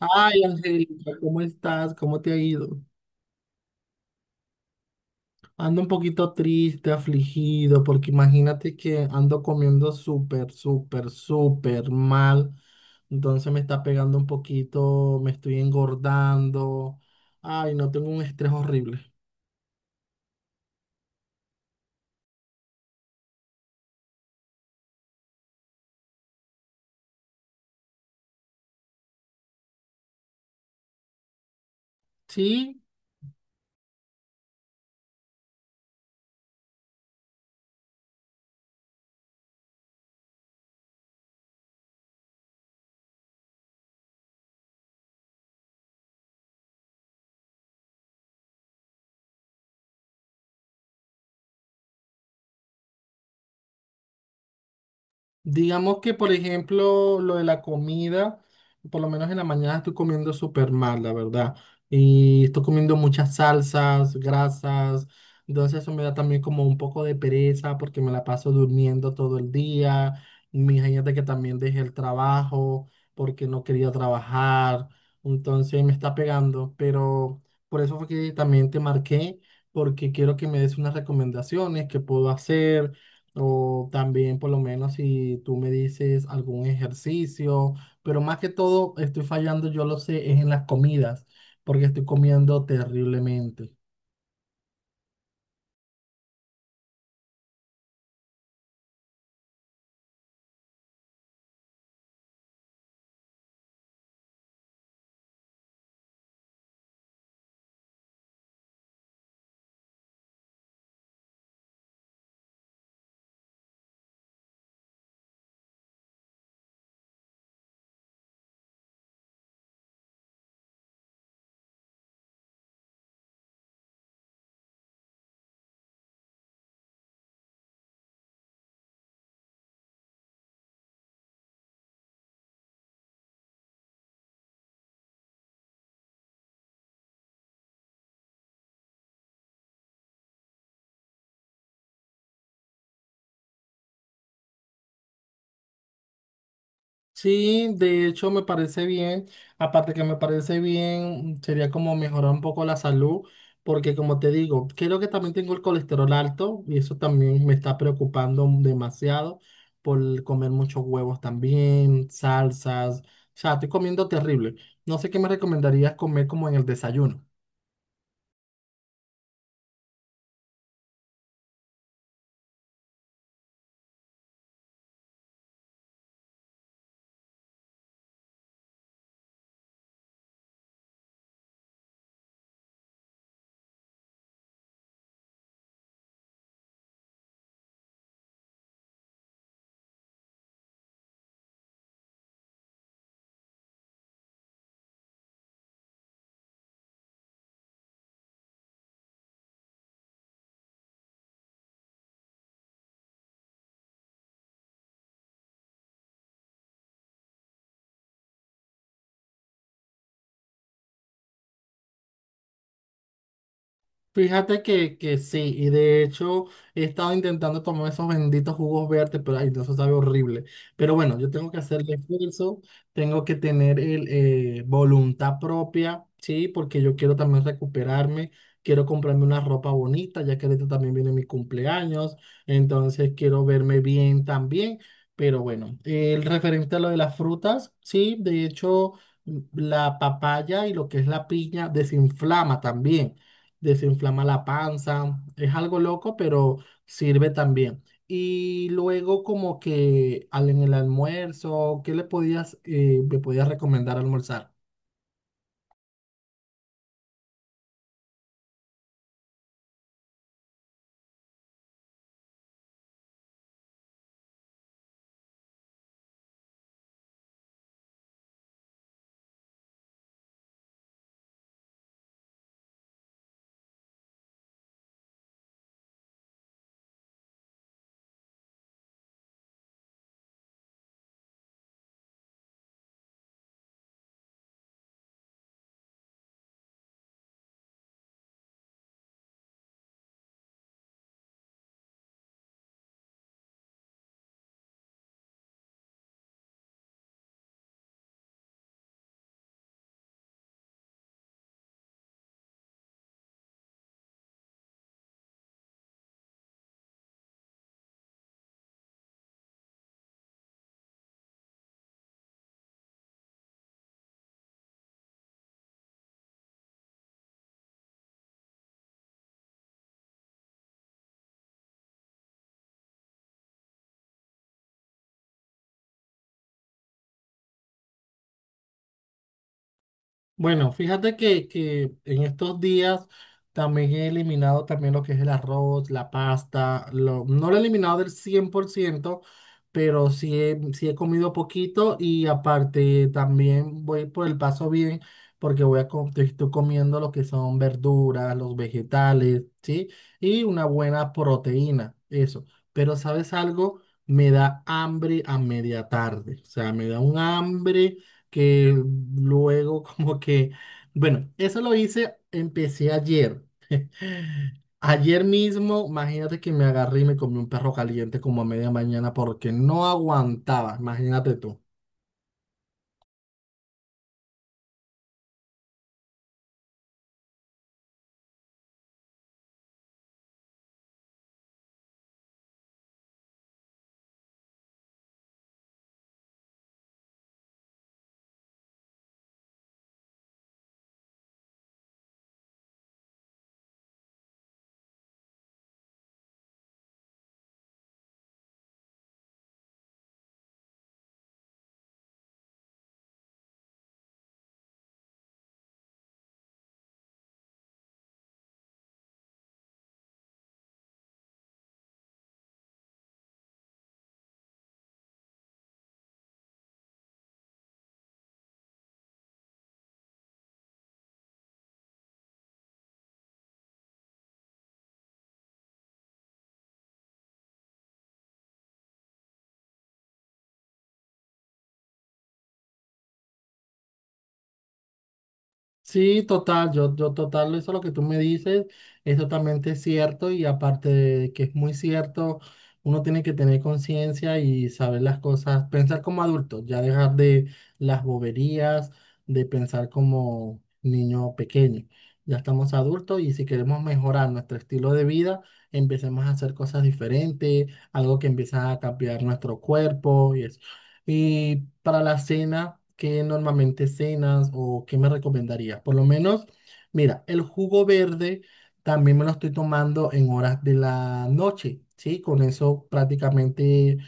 Ay, Angélica, ¿cómo estás? ¿Cómo te ha ido? Ando un poquito triste, afligido, porque imagínate que ando comiendo súper, súper, súper mal. Entonces me está pegando un poquito, me estoy engordando. Ay, no, tengo un estrés horrible. Sí. Digamos que, por ejemplo, lo de la comida, por lo menos en la mañana estoy comiendo súper mal, la verdad. Y estoy comiendo muchas salsas, grasas. Entonces eso me da también como un poco de pereza porque me la paso durmiendo todo el día. Imagínate que también dejé el trabajo porque no quería trabajar. Entonces me está pegando. Pero por eso fue que también te marqué porque quiero que me des unas recomendaciones que puedo hacer o también, por lo menos, si tú me dices algún ejercicio, pero más que todo, estoy fallando, yo lo sé, es en las comidas, porque estoy comiendo terriblemente. Sí, de hecho me parece bien. Aparte que me parece bien, sería como mejorar un poco la salud, porque como te digo, creo que también tengo el colesterol alto y eso también me está preocupando demasiado por comer muchos huevos también, salsas. O sea, estoy comiendo terrible. No sé qué me recomendarías comer como en el desayuno. Fíjate que sí, y de hecho he estado intentando tomar esos benditos jugos verdes, pero ay, no, eso sabe horrible. Pero bueno, yo tengo que hacerle esfuerzo, tengo que tener voluntad propia, sí, porque yo quiero también recuperarme, quiero comprarme una ropa bonita, ya que ahorita también viene mi cumpleaños, entonces quiero verme bien también. Pero bueno, el referente a lo de las frutas, sí, de hecho la papaya y lo que es la piña desinflama también desinflama la panza. Es algo loco, pero sirve también. Y luego como que en el almuerzo, ¿qué le me podías recomendar almorzar? Bueno, fíjate que en estos días también he eliminado también lo que es el arroz, la pasta, no lo he eliminado del 100%, pero sí he comido poquito y aparte también voy por el paso bien porque estoy comiendo lo que son verduras, los vegetales, ¿sí? Y una buena proteína, eso. Pero ¿sabes algo? Me da hambre a media tarde, o sea, me da un hambre que luego como que, bueno, eso lo hice, empecé ayer. Ayer mismo, imagínate que me agarré y me comí un perro caliente como a media mañana porque no aguantaba, imagínate tú. Sí, total, yo total, eso lo que tú me dices es totalmente cierto y aparte de que es muy cierto, uno tiene que tener conciencia y saber las cosas, pensar como adulto, ya dejar de las boberías, de pensar como niño pequeño. Ya estamos adultos y si queremos mejorar nuestro estilo de vida, empecemos a hacer cosas diferentes, algo que empieza a cambiar nuestro cuerpo y eso. Y para la cena, ¿qué normalmente cenas o qué me recomendaría? Por lo menos, mira, el jugo verde también me lo estoy tomando en horas de la noche, ¿sí? Con eso prácticamente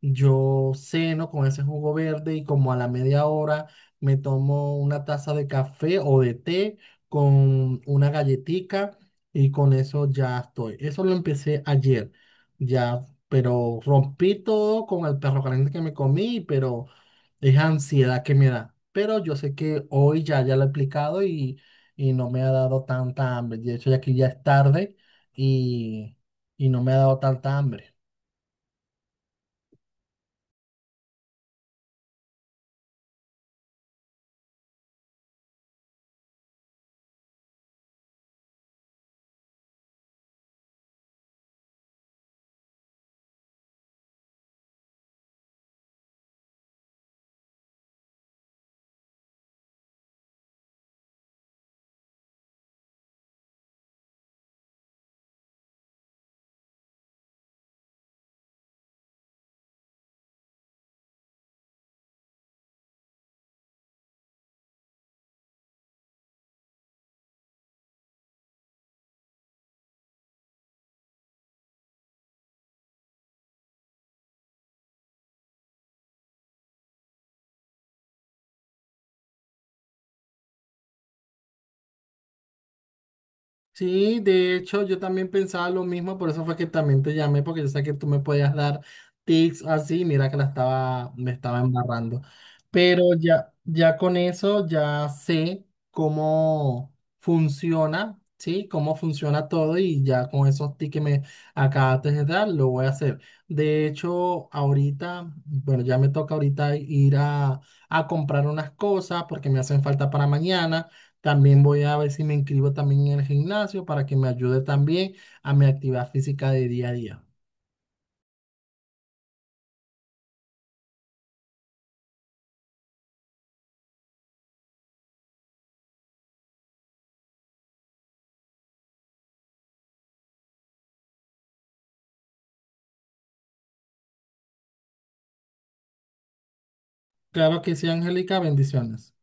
yo ceno con ese jugo verde y como a la media hora me tomo una taza de café o de té con una galletica y con eso ya estoy. Eso lo empecé ayer, ya, pero rompí todo con el perro caliente que me comí, pero es ansiedad que me da. Pero yo sé que hoy ya lo he aplicado y no me ha dado tanta hambre. De hecho, ya aquí ya es tarde y, y no me ha dado tanta hambre. Sí, de hecho, yo también pensaba lo mismo, por eso fue que también te llamé, porque yo sé que tú me podías dar tips así, mira que la estaba, me estaba embarrando. Pero ya con eso ya sé cómo funciona, ¿sí? Cómo funciona todo y ya con esos tips que me acabaste de dar, lo voy a hacer. De hecho, ahorita, bueno, ya me toca ahorita ir a comprar unas cosas porque me hacen falta para mañana. También voy a ver si me inscribo también en el gimnasio para que me ayude también a mi actividad física de día a día. Claro que sí, Angélica, bendiciones.